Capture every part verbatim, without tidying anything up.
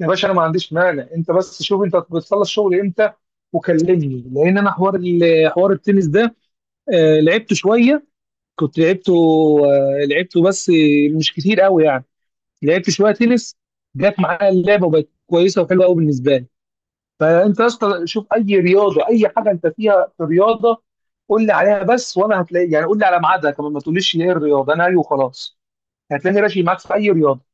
يا باشا، انا ما عنديش مانع، انت بس شوف انت بتخلص شغل امتى وكلمني، لان انا حوار ال- حوار التنس ده. آه، لعبته شويه، كنت لعبته، آه، لعبته بس مش كتير قوي يعني. لعبت شويه تنس، جت معايا اللعبه وبقت كويسه وحلوه قوي بالنسبه لي. فانت يا اسطى شوف اي رياضه، اي حاجه انت فيها في رياضه قول لي عليها بس وانا هتلاقي يعني. قول لي على ميعادها كمان، ما تقوليش ايه الرياضه انا ايوه وخلاص. هتلاقيني راشي معاك في اي رياضه.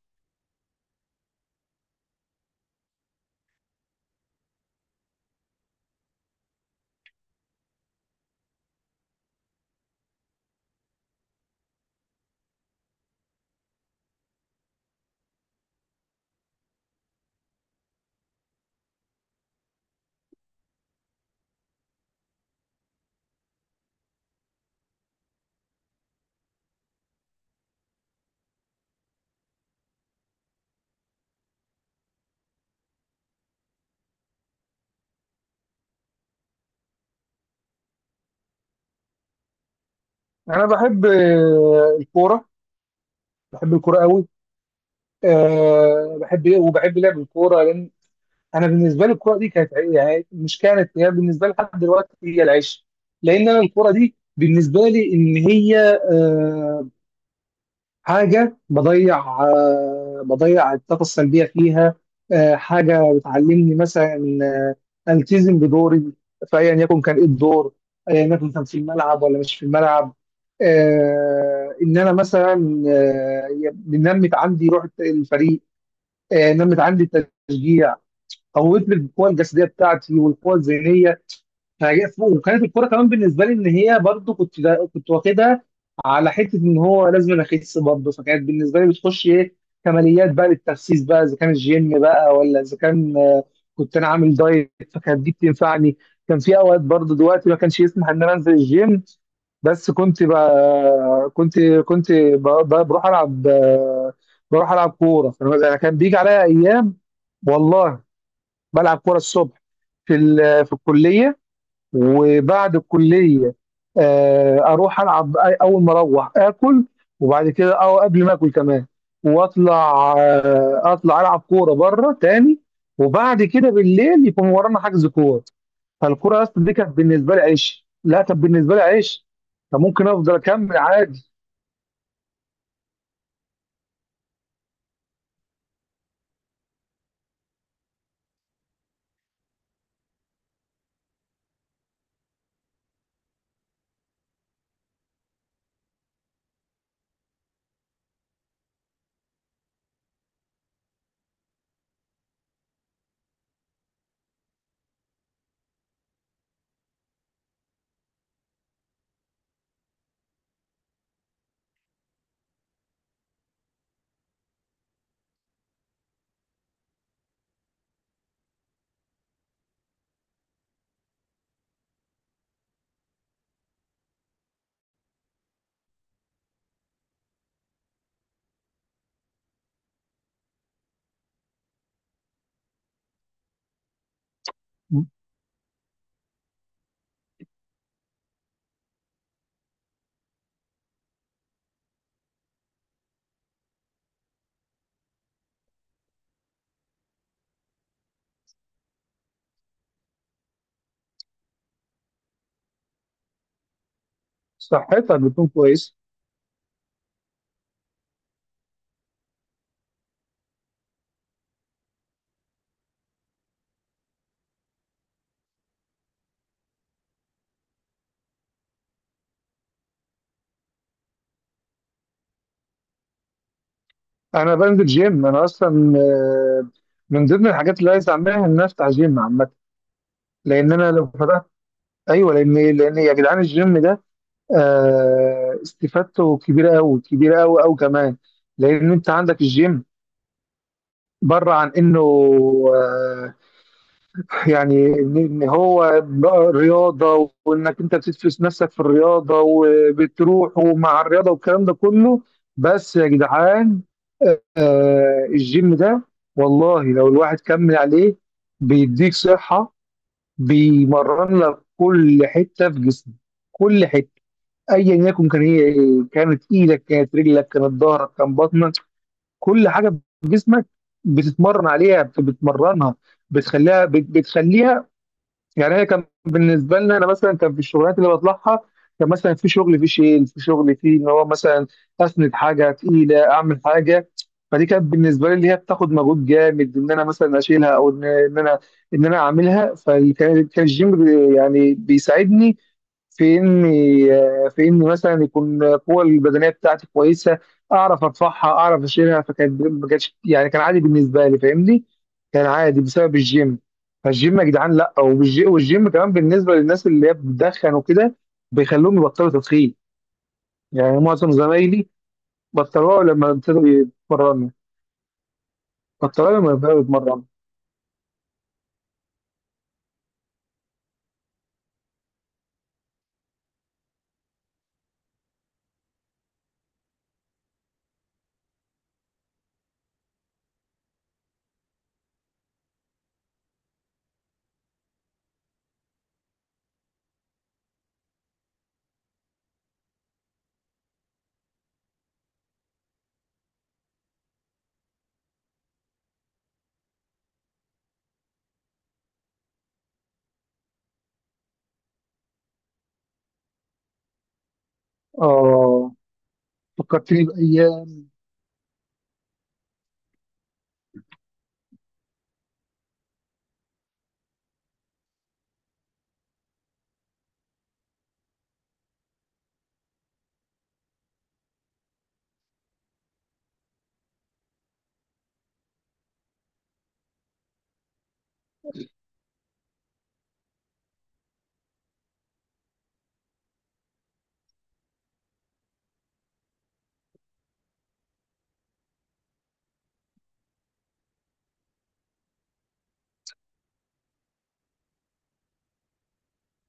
انا بحب آه، الكوره، بحب الكوره قوي. أه بحب ايه، وبحب لعب الكوره لان انا بالنسبه لي الكوره دي كانت عي- يعني مش كانت هي بالنسبه لي، لحد دلوقتي هي العيش. لان انا الكوره دي بالنسبه لي ان هي أه حاجه بضيع، أه بضيع الطاقه السلبيه فيها. أه حاجه بتعلمني مثلا إن التزم بدوري، فايا يكن كان ايه الدور، ايا يكن كان في الملعب ولا مش في الملعب. أه ان انا مثلا أه بنمت عندي روح الفريق، آه، نمت عندي التشجيع، قوت لي القوه الجسديه بتاعتي والقوه الذهنيه. فهي- وكانت الكوره كمان بالنسبه لي ان هي برضو كنت كنت واخدها على حته ان هو لازم أنا اخس برضو. فكانت بالنسبه لي بتخش ايه، كماليات بقى للتخسيس بقى، اذا كان الجيم بقى ولا اذا كان آه، كنت انا عامل دايت فكانت دي بتنفعني. كان في اوقات برضو دلوقتي ما كانش يسمح ان انا انزل الجيم، بس كنت بقى كنت كنت ب- ب- بروح العب بروح العب كوره. انا كان بيجي عليا ايام، والله بلعب كوره الصبح في ال- في الكليه، وبعد الكليه آه، اروح العب، أي- اول ما اروح اكل، وبعد كده او قبل ما اكل كمان واطلع آه، اطلع العب كوره بره تاني. وبعد كده بالليل يكون ورانا حجز كوره. فالكوره يا اسطى دي كانت بالنسبه لي عيش، لا كانت بالنسبه لي عيش، فممكن افضل اكمل عادي. صحتها بتكون كويسه. انا بنزل جيم انا اصلا. آه، من ضمن الحاجات اللي عايز اعملها ان أنا افتح جيم عامه. لان انا لو فتحت، ايوه، لان لان يا جدعان الجيم ده آه، استفادته كبيره قوي، كبيره قوي قوي كمان. لان انت عندك الجيم بره عن انه آه، يعني إن إن هو بقى رياضة، وإنك أنت بتدفس نفسك في الرياضة وبتروح ومع الرياضة والكلام ده كله. بس يا جدعان آه الجيم ده، والله لو الواحد كمل عليه بيديك صحة، بيمرن لك كل حتة في جسمك، كل حتة. أيا يكن كان هي إيه، كانت إيدك كانت رجلك كانت ظهرك كان بطنك، كل حاجة في جسمك بتتمرن عليها بتمرنها، بتخليها بتخليها. يعني هي كان بالنسبه لنا انا مثلا كان في الشغلات اللي بطلعها، كان مثلا في شغل، في شيل، في شغل في ان هو مثلا اسند حاجه تقيله اعمل حاجه. فدي كانت بالنسبه لي اللي هي بتاخد مجهود جامد، ان انا مثلا اشيلها، او ان إن انا ان انا اعملها. فكان كان الجيم بي- يعني بيساعدني في اني في اني مثلا يكون القوه البدنيه بتاعتي كويسه، اعرف ارفعها اعرف اشيلها. فكانت ما كانتش يعني، كان عادي بالنسبه لي فاهمني، كان عادي بسبب الجيم. فالجيم يا جدعان لا، وبالج- والجيم كمان بالنسبه للناس اللي هي بتدخن وكده بيخلوهم يبطلوا تدخين. يعني معظم زمايلي بطلوها لما ابتدوا يتمرنوا، بطلوها لما ابتدوا يتمرنوا. اه، فكرتني بايام.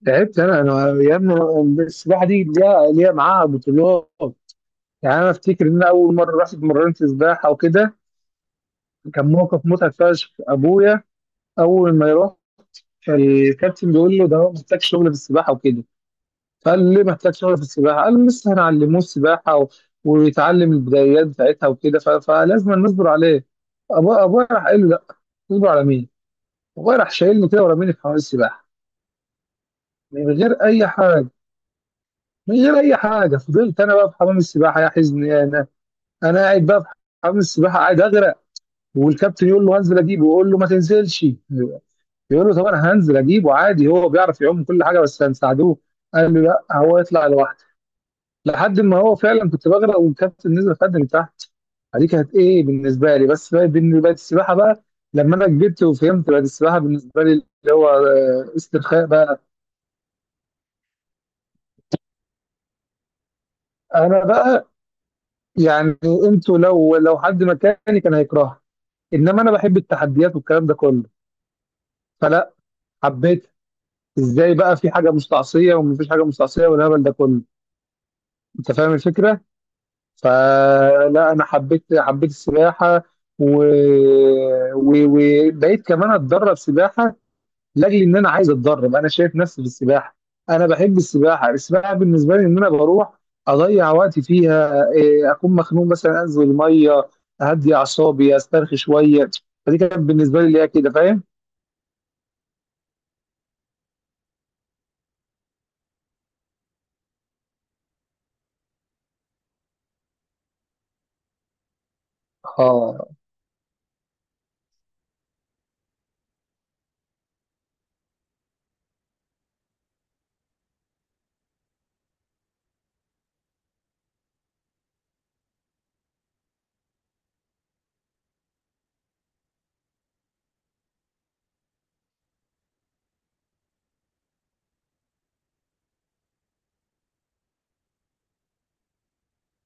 تعبت انا انا يا ابني السباحه دي ليها ليها معاها بطولات. يعني انا افتكر ان أنا اول مره رحت اتمرنت سباحه وكده، كان موقف مضحك فشخ. ابويا اول ما يروح الكابتن بيقول له ده هو محتاج شغل في السباحه وكده، فقال ليه محتاج شغل في السباحه، قال له لسه هنعلموه السباحه و... ويتعلم البدايات بتاعتها وكده، ف... فلازم نصبر عليه. أبو- ابويا راح قال له لا، تصبر على مين؟ ابويا راح شايلني كده ورميني في حمام السباحه من غير اي حاجه، من غير اي حاجه. فضلت انا بقى في حمام السباحه، يا حزن يا انا، انا قاعد بقى في حمام السباحه قاعد اغرق. والكابتن يقول له هنزل اجيبه، يقول له ما تنزلش، يقول له طب انا هنزل اجيبه عادي، هو بيعرف يعوم كل حاجه بس هنساعدوه، قال له لا هو يطلع لوحده. لحد ما هو فعلا كنت بغرق والكابتن نزل خدني تحت. دي كانت ايه بالنسبه لي، بس بالنسبه السباحه بقى لما انا كبرت وفهمت بقت السباحه بالنسبه لي اللي هو آه، استرخاء بقى. انا بقى يعني انتوا لو لو حد مكاني كان هيكرهها، انما انا بحب التحديات والكلام ده كله. فلا، حبيت، ازاي بقى في حاجه مستعصيه، ومفيش حاجه مستعصيه والهبل ده كله، انت فاهم الفكره. فلا انا حبيت حبيت السباحه، و... و... وبقيت كمان اتدرب سباحه لاجل ان انا عايز اتدرب، انا شايف نفسي في السباحه. انا بحب السباحه، السباحه بالنسبه لي ان انا بروح اضيع وقتي فيها إيه، اكون مخنوق مثلا انزل الميه اهدي اعصابي استرخي شويه، فدي كانت بالنسبه لي اللي هي كده فاهم. اه،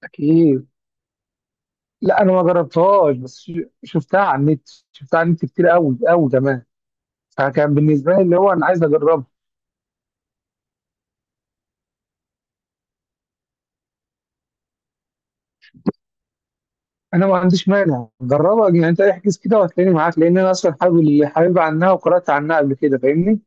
اكيد لا انا ما جربتهاش، بس ش- شفتها على النت، شفتها على النت كتير قوي قوي كمان. فكان بالنسبه لي اللي هو انا عايز اجربها. انا ما عنديش مانع، جربها يعني، انت احجز كده وهتلاقيني معاك، لان انا اصلا حابب، حابب عنها، وقرات عنها قبل كده فاهمني.